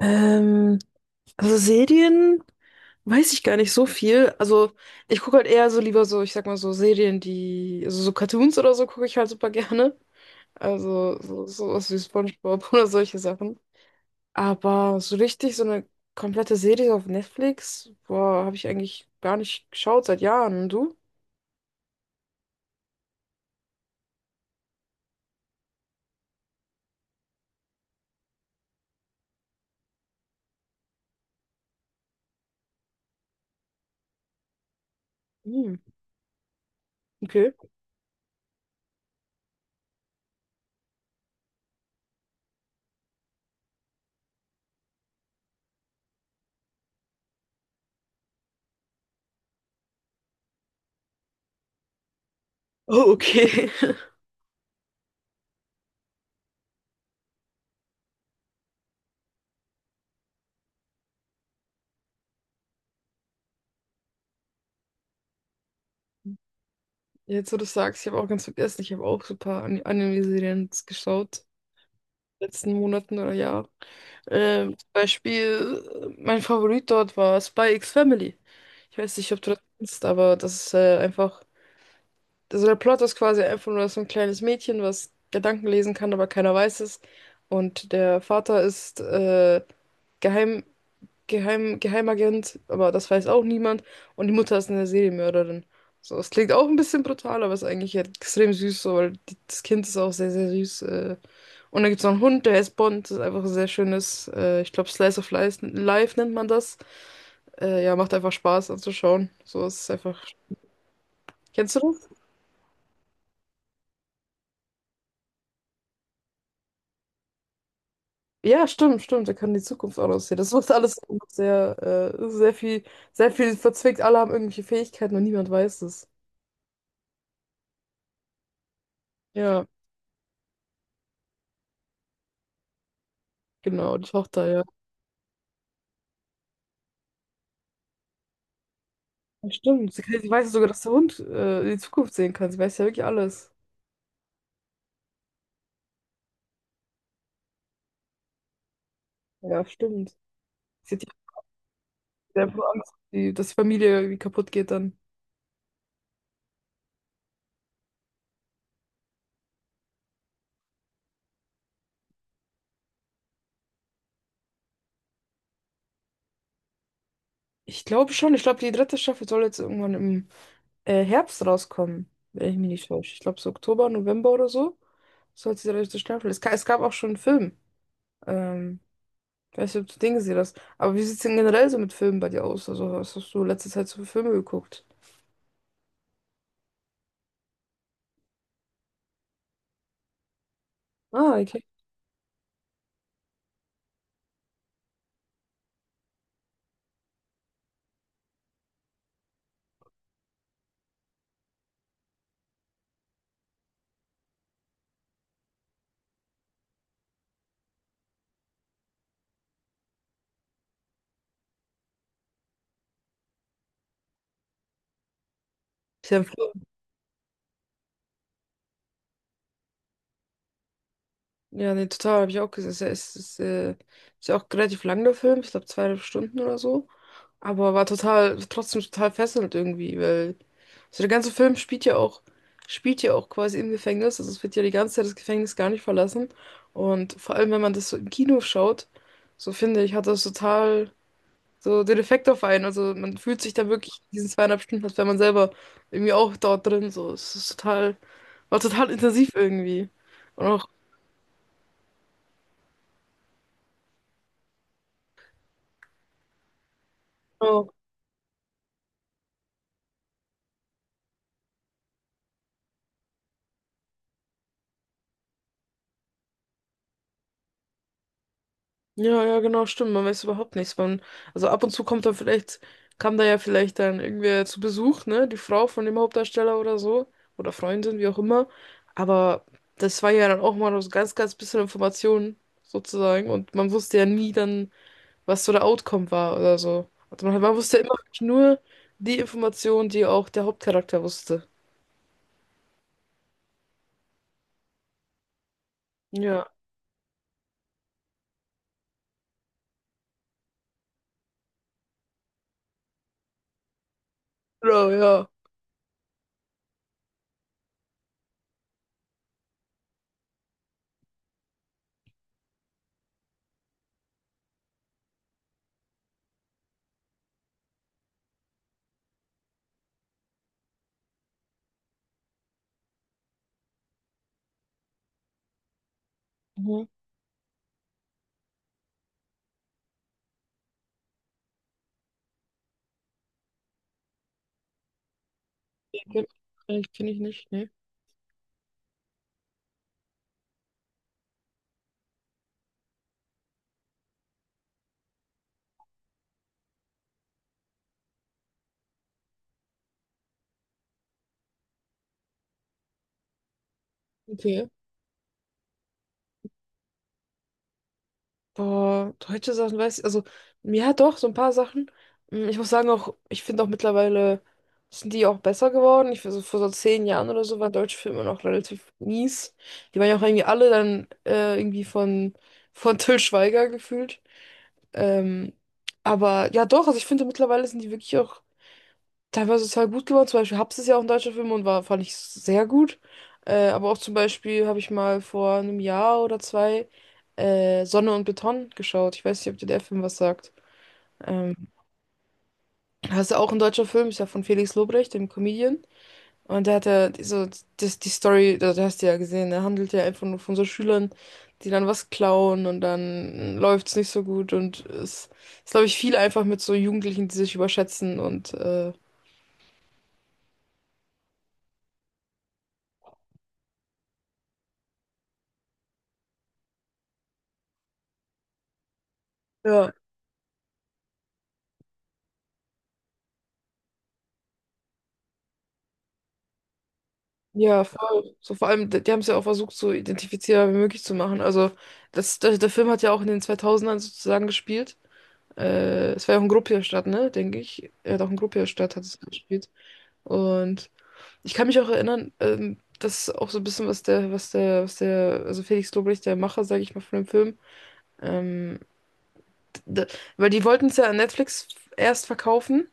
Ähm, also Serien weiß ich gar nicht so viel. Also ich gucke halt eher so lieber so, ich sag mal so Serien, die, also so Cartoons oder so gucke ich halt super gerne. Also so, sowas wie SpongeBob oder solche Sachen. Aber so richtig so eine komplette Serie auf Netflix, boah, habe ich eigentlich gar nicht geschaut seit Jahren. Und du? Hm, okay. Oh, okay. Jetzt, wo du sagst, ich habe auch ganz vergessen, ich habe auch super Anime-Serien geschaut. Letzten Monaten oder Jahr. Zum Beispiel, mein Favorit dort war Spy X Family. Ich weiß nicht, ob du das kennst, aber das ist einfach. Also der Plot ist quasi einfach nur so ein kleines Mädchen, was Gedanken lesen kann, aber keiner weiß es. Und der Vater ist Geheim, Geheimagent, aber das weiß auch niemand. Und die Mutter ist eine Serienmörderin. So, es klingt auch ein bisschen brutal, aber ist eigentlich halt extrem süß, so, weil das Kind ist auch sehr, sehr süß. Und dann gibt es noch einen Hund, der heißt Bond. Das ist einfach ein sehr schönes, ich glaube, Slice of Life, Life nennt man das. Ja, macht einfach Spaß anzuschauen. So es ist einfach. Kennst du das? Ja, stimmt, stimmt. Da kann die Zukunft auch aussehen. Das ist alles sehr, äh, sehr viel, sehr viel verzwickt. Alle haben irgendwelche Fähigkeiten und niemand weiß es. Ja, genau, die Tochter, ja. Ja, stimmt. Sie weiß ja sogar, dass der Hund die Zukunft sehen kann. Sie weiß ja wirklich alles. Ja, stimmt. Sie hat ja sehr Angst, dass die Familie irgendwie kaputt geht dann. Ich glaube schon. Ich glaube, die dritte Staffel soll jetzt irgendwann im Herbst rauskommen, wenn ich mich nicht täusche. Ich glaube, so Oktober, November oder so soll die dritte Staffel. Es gab auch schon einen Film. Ähm, ich weiß nicht, ob du den gesehen hast. Aber wie sieht es denn generell so mit Filmen bei dir aus? Also, was hast du letzte Zeit so für Filme geguckt? Ah, okay. Ist ja, ja, nee, total, habe ich auch gesehen. Ist ja auch relativ lang, der Film. Ich glaube, zweieinhalb Stunden oder so. Aber war trotzdem total fesselnd irgendwie, weil. Also der ganze Film spielt ja auch quasi im Gefängnis. Also es wird ja die ganze Zeit das Gefängnis gar nicht verlassen. Und vor allem, wenn man das so im Kino schaut, so finde ich, hat das total so den Effekt auf einen. Also man fühlt sich dann wirklich in diesen zweieinhalb Stunden, als wäre man selber irgendwie auch dort drin. So, war total intensiv irgendwie. Und auch. Ja, ja, genau, stimmt. Man weiß überhaupt nichts. Also ab und zu kam da ja vielleicht dann irgendwer zu Besuch, ne? Die Frau von dem Hauptdarsteller oder so. Oder Freundin, wie auch immer. Aber das war ja dann auch mal nur so ganz, ganz bisschen Informationen, sozusagen. Und man wusste ja nie dann, was so der Outcome war oder so. Also man wusste ja immer wirklich nur die Informationen, die auch der Hauptcharakter wusste. Ja. Genau, ja. Mhm. Kenn ich nicht, ne? Okay. Boah, deutsche Sachen weiß ich. Also, ja, doch, so ein paar Sachen. Ich muss sagen, auch, ich finde auch mittlerweile sind die auch besser geworden. Ich also vor so 10 Jahren oder so waren deutsche Filme noch relativ mies. Die waren ja auch irgendwie alle dann irgendwie von Till Schweiger gefühlt. Ähm, aber ja, doch, also ich finde mittlerweile sind die wirklich auch teilweise total gut geworden. Zum Beispiel Hubs ist ja auch ein deutscher Film und war, fand ich sehr gut. Aber auch zum Beispiel habe ich mal vor einem Jahr oder zwei Sonne und Beton geschaut. Ich weiß nicht, ob dir der Film was sagt. Ähm, das ist ja auch ein deutscher Film, ist ja von Felix Lobrecht, dem Comedian. Und der hat ja so die Story, da hast du ja gesehen, der handelt ja einfach nur von so Schülern, die dann was klauen und dann läuft's nicht so gut. Und es ist, glaube ich, viel einfach mit so Jugendlichen, die sich überschätzen und ja. Ja, voll. So vor allem, die haben es ja auch versucht, so identifizierbar wie möglich zu machen. Also, der Film hat ja auch in den zweitausendern sozusagen gespielt. Es war ja auch in Gruppierstadt, ne, denke ich. Er hat auch in Gruppierstadt hat es gespielt. Und ich kann mich auch erinnern, das ist auch so ein bisschen, also Felix Lobrecht, der Macher, sage ich mal, von dem Film, ähm, d- d- weil die wollten es ja an Netflix erst verkaufen.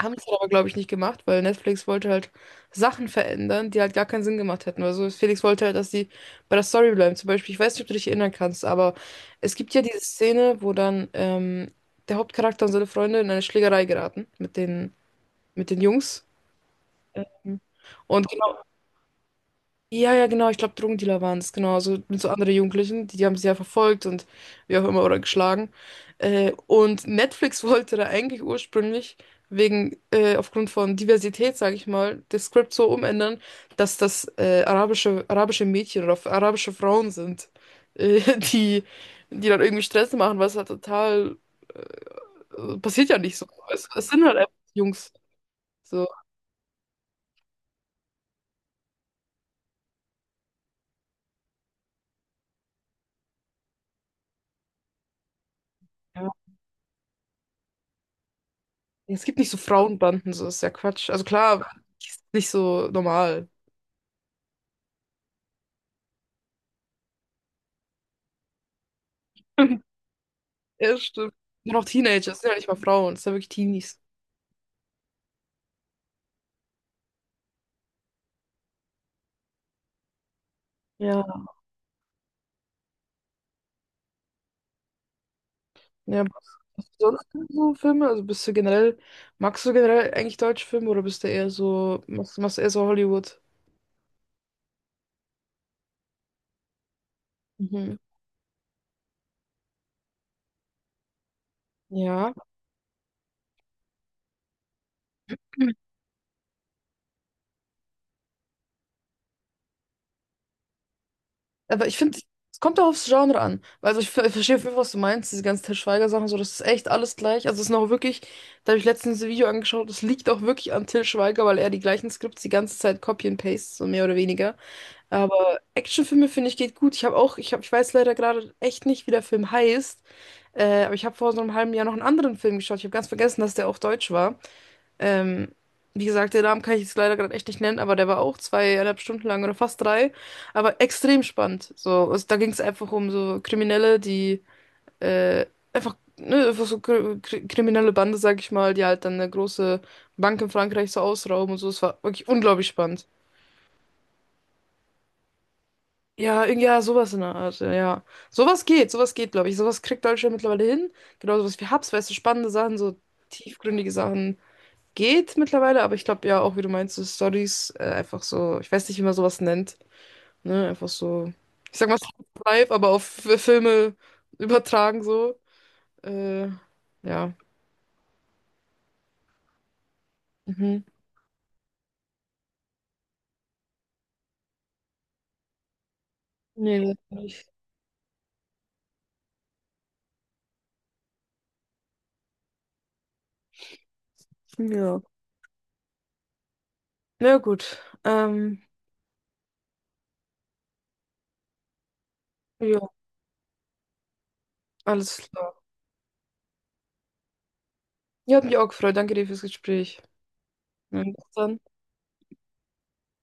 Haben es aber, glaube ich, nicht gemacht, weil Netflix wollte halt Sachen verändern, die halt gar keinen Sinn gemacht hätten. Also Felix wollte halt, dass die bei der Story bleiben. Zum Beispiel, ich weiß nicht, ob du dich erinnern kannst, aber es gibt ja diese Szene, wo dann der Hauptcharakter und seine Freunde in eine Schlägerei geraten mit den, Jungs. Ähm, Und ja, ja, genau, ich glaube, Drogendealer waren es, genau. Also mit so anderen Jugendlichen, die haben sie ja verfolgt und wie auch immer oder geschlagen. Und Netflix wollte da eigentlich ursprünglich aufgrund von Diversität, sage ich mal, das Skript so umändern, dass das arabische Mädchen oder arabische Frauen sind, äh, die, die dann irgendwie Stress machen, was halt total passiert ja nicht so. Es sind halt einfach Jungs. So, ja. Es gibt nicht so Frauenbanden, so ist ja Quatsch. Also klar, ist nicht so normal. Ja, stimmt. Nur noch Teenager, das sind ja nicht mal Frauen, das sind ja wirklich Teenies. Ja, ja. Was sonst so Filme? Also magst du generell eigentlich deutsche Filme oder bist du eher so, machst du eher so Hollywood? Mhm. Ja. Mhm. Aber ich finde, es kommt auch aufs Genre an. Weil also ich verstehe auf jeden Fall, was du meinst, diese ganzen Til Schweiger-Sachen, so, das ist echt alles gleich. Also es ist noch wirklich, da habe ich letztens ein Video angeschaut, das liegt auch wirklich an Til Schweiger, weil er die gleichen Skripts die ganze Zeit copy and paste, so mehr oder weniger. Aber Actionfilme finde ich geht gut. Ich habe auch, ich habe, ich weiß leider gerade echt nicht, wie der Film heißt. Aber ich habe vor so einem halben Jahr noch einen anderen Film geschaut. Ich habe ganz vergessen, dass der auch deutsch war. Ähm, wie gesagt, den Namen kann ich jetzt leider gerade echt nicht nennen, aber der war auch zweieinhalb Stunden lang oder fast drei. Aber extrem spannend. So, also, da ging es einfach um so Kriminelle, die äh, einfach, ne, einfach so kriminelle Bande, sag ich mal, die halt dann eine große Bank in Frankreich so ausrauben und so. Es war wirklich unglaublich spannend. Ja, ja, sowas in der Art, ja. Ja. Sowas geht, glaube ich. Sowas kriegt Deutschland mittlerweile hin. Genau sowas wie Hubs, weißt du, spannende Sachen, so tiefgründige Sachen geht mittlerweile, aber ich glaube ja auch, wie du meinst, so Stories, einfach so, ich weiß nicht, wie man sowas nennt, ne, einfach so, ich sag mal, live, aber auf Filme übertragen so. Äh, ja. Mhm. Nee, das nicht. Ja. Na gut. Ähm, ja, alles klar. Ja, hat mich auch gefreut. Danke dir fürs Gespräch. Ja, bis dann.